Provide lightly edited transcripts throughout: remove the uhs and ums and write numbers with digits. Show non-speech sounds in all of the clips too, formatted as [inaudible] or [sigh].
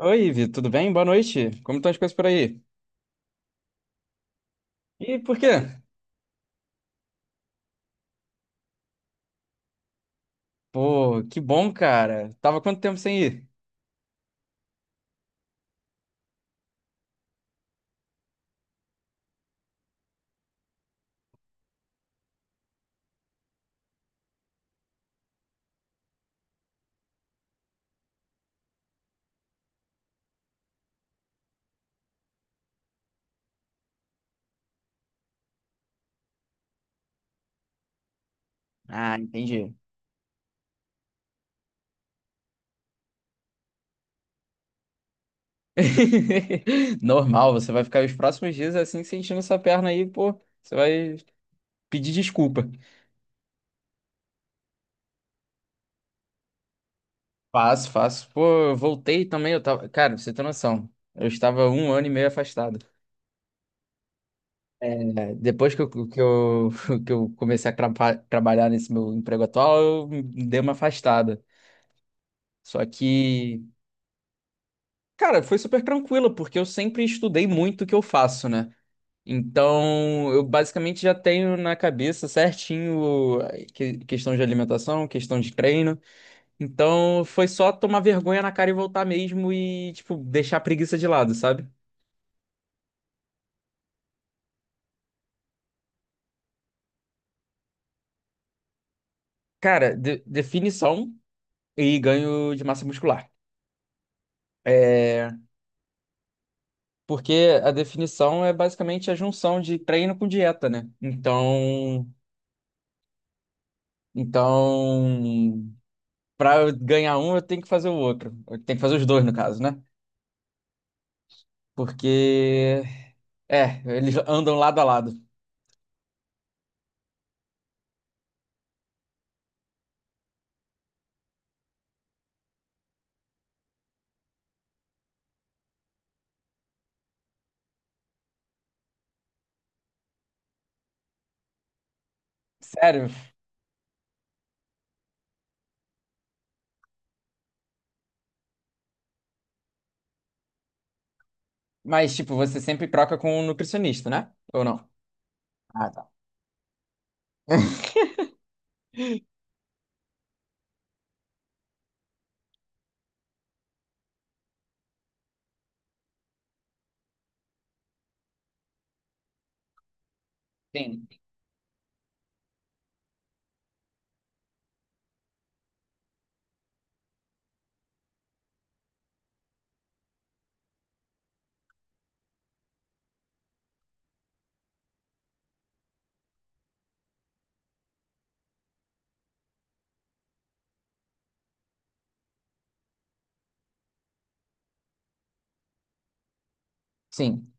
Oi, Ivi, tudo bem? Boa noite. Como estão as coisas por aí? E por quê? Pô, que bom, cara. Tava quanto tempo sem ir? Ah, entendi. [laughs] Normal, você vai ficar os próximos dias assim sentindo essa perna aí, pô. Você vai pedir desculpa. Faço, faço. Pô, eu voltei também, eu tava. Cara, pra você tem noção. Eu estava um ano e meio afastado. É, depois que eu, [laughs] que eu comecei a trabalhar nesse meu emprego atual, eu dei uma afastada. Só que. Cara, foi super tranquilo, porque eu sempre estudei muito o que eu faço, né? Então, eu basicamente já tenho na cabeça certinho questão de alimentação, questão de treino. Então, foi só tomar vergonha na cara e voltar mesmo e, tipo, deixar a preguiça de lado, sabe? Cara, definição e ganho de massa muscular. É, porque a definição é basicamente a junção de treino com dieta, né? Então, pra eu ganhar um, eu tenho que fazer o outro. Eu tenho que fazer os dois, no caso, né? Porque. É, eles andam lado a lado. Sério? Mas, tipo, você sempre troca com um nutricionista, né? Ou não? Ah, tá. Sim. Sim,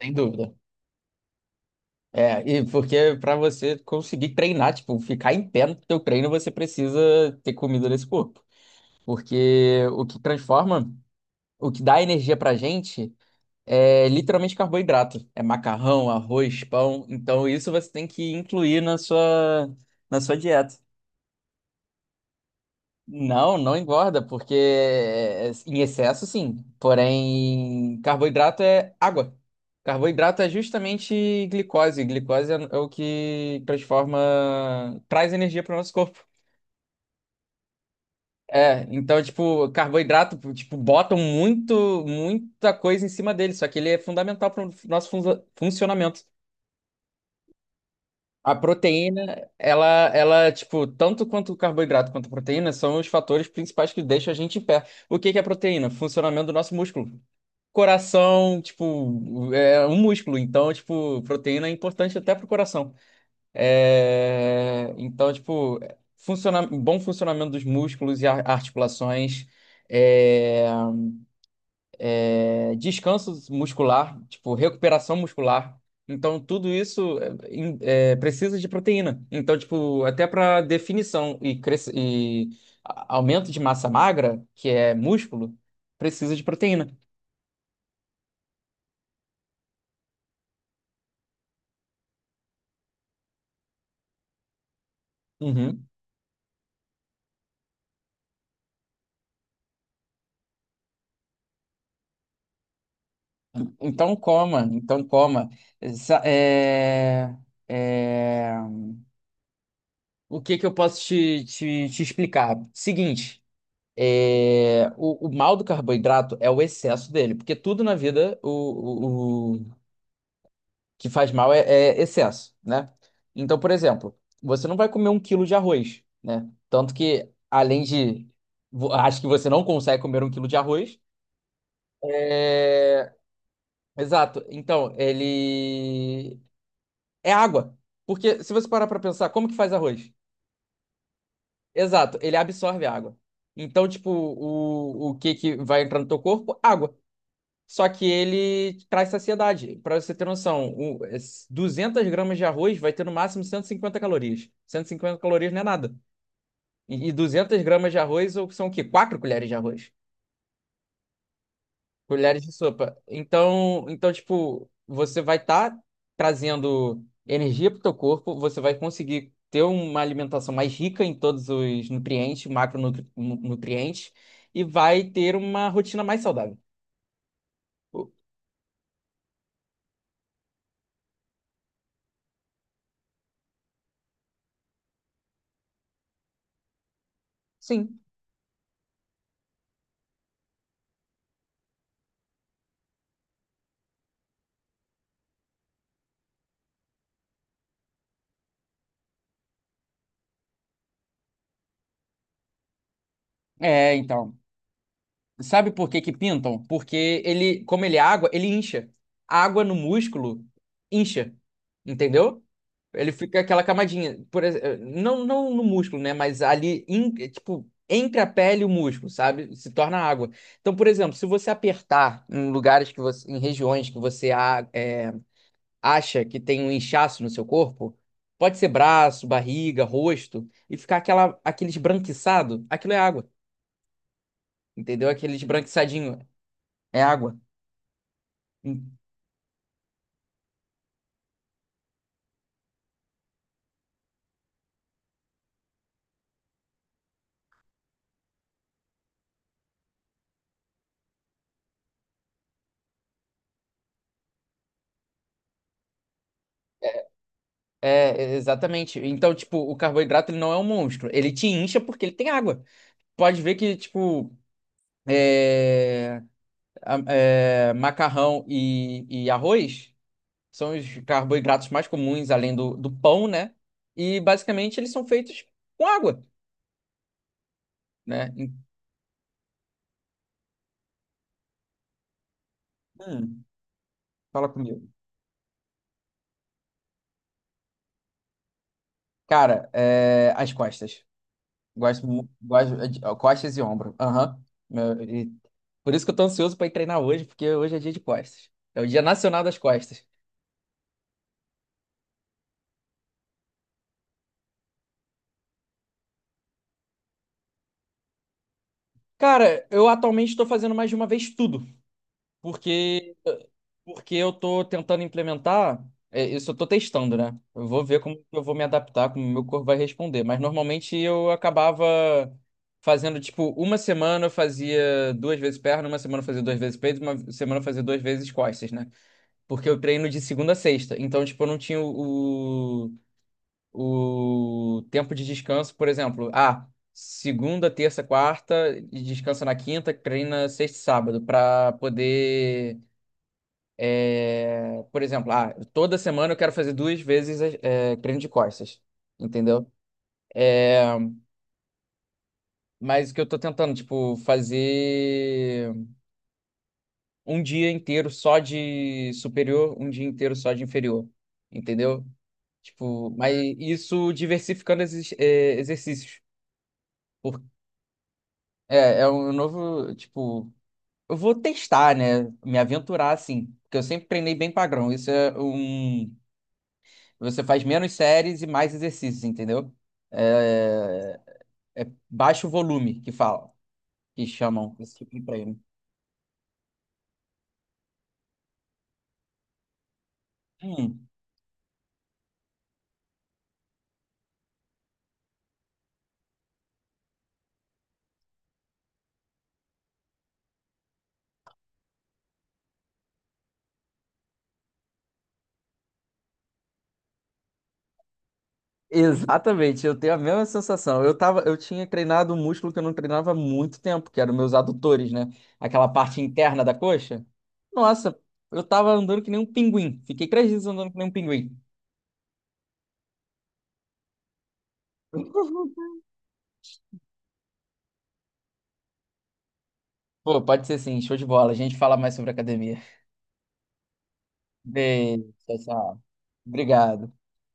sem dúvida. É, e porque pra você conseguir treinar, tipo, ficar em pé no teu treino, você precisa ter comida nesse corpo. Porque o que transforma, o que dá energia pra gente é literalmente carboidrato. É macarrão, arroz, pão. Então isso você tem que incluir na sua dieta. Não, não engorda, porque em excesso sim. Porém, carboidrato é água. Carboidrato é justamente glicose. Glicose é o que transforma, traz energia para o nosso corpo. É, então, tipo, carboidrato, tipo, botam muito, muita coisa em cima dele, só que ele é fundamental para o nosso funcionamento. A proteína, ela, tipo, tanto quanto o carboidrato quanto a proteína são os fatores principais que deixam a gente em pé. O que que é proteína? Funcionamento do nosso músculo. Coração, tipo, é um músculo, então, tipo, proteína é importante até pro coração. É, então, tipo, bom funcionamento dos músculos e articulações. É, descanso muscular, tipo, recuperação muscular. Então, tudo isso precisa de proteína. Então, tipo, até para definição e aumento de massa magra, que é músculo, precisa de proteína. Uhum. Então, coma, então coma. Essa- é- é, O que que eu posso te explicar? Seguinte, o mal do carboidrato é o excesso dele, porque tudo na vida, que faz mal é excesso, né? Então, por exemplo, você não vai comer um quilo de arroz, né? Tanto que, além de. Acho que você não consegue comer um quilo de arroz. É. Exato. Então, ele. É água. Porque se você parar pra pensar, como que faz arroz? Exato, ele absorve a água. Então, tipo, o que que vai entrar no teu corpo? Água. Só que ele traz saciedade. Para você ter noção, gramas de arroz vai ter no máximo 150 calorias. 150 calorias não é nada. E 200 gramas de arroz são o quê? 4 colheres de arroz. Colheres de sopa. Então, tipo, você vai estar trazendo energia para o teu corpo, você vai conseguir ter uma alimentação mais rica em todos os nutrientes, macronutrientes, e vai ter uma rotina mais saudável. O- Sim. É, então. Sabe por que que pintam? Porque ele, como ele é água, ele incha. A água no músculo incha, entendeu? Ele fica aquela camadinha, não, não no músculo, né? Mas ali, tipo, entre a pele e o músculo, sabe? Se torna água. Então, por exemplo, se você apertar em lugares que você, em regiões que você acha que tem um inchaço no seu corpo, pode ser braço, barriga, rosto, e ficar aquela, aquele esbranquiçado, aquilo é água, entendeu? Aquele esbranquiçadinho é água. Em- É, exatamente. Então, tipo, o carboidrato ele não é um monstro. Ele te incha porque ele tem água. Pode ver que, tipo, macarrão e arroz são os carboidratos mais comuns, além do pão, né? E basicamente eles são feitos com água, né? Em- Hum, fala comigo. Cara, é, as costas. Gosto de ó, costas e ombro. Aham. Meu, e- Por isso que eu tô ansioso pra ir treinar hoje, porque hoje é dia de costas. É o Dia Nacional das Costas. Cara, eu atualmente estou fazendo mais de uma vez tudo, porque porque eu estou tentando implementar, isso eu estou testando, né? Eu vou ver como eu vou me adaptar, como o meu corpo vai responder. Mas normalmente eu acabava fazendo tipo uma semana eu fazia duas vezes perna, uma semana eu fazia duas vezes peito, uma semana eu fazia duas vezes costas, né? Porque eu treino de segunda a sexta, então tipo eu não tinha o tempo de descanso, por exemplo, ah, segunda, terça, quarta, e descansa na quinta, treina sexta e sábado, para poder, por exemplo, ah, toda semana eu quero fazer duas vezes treino de costas, entendeu? É, mas o que eu tô tentando, tipo, fazer um dia inteiro só de superior, um dia inteiro só de inferior, entendeu? Tipo, mas isso diversificando esses exercícios. Por- É, é um novo, tipo, eu vou testar, né? Me aventurar assim, porque eu sempre treinei bem padrão. Isso é um. Você faz menos séries e mais exercícios, entendeu? É, é baixo volume que fala, que chamam esse tipo de treino. Hum, exatamente, eu tenho a mesma sensação. Eu tinha treinado um músculo que eu não treinava há muito tempo, que eram meus adutores, né? Aquela parte interna da coxa. Nossa, eu tava andando que nem um pinguim. Fiquei 3 dias andando que nem um pinguim. [laughs] Pô, pode ser sim, show de bola. A gente fala mais sobre academia. Beijo, tchau, tchau. Obrigado.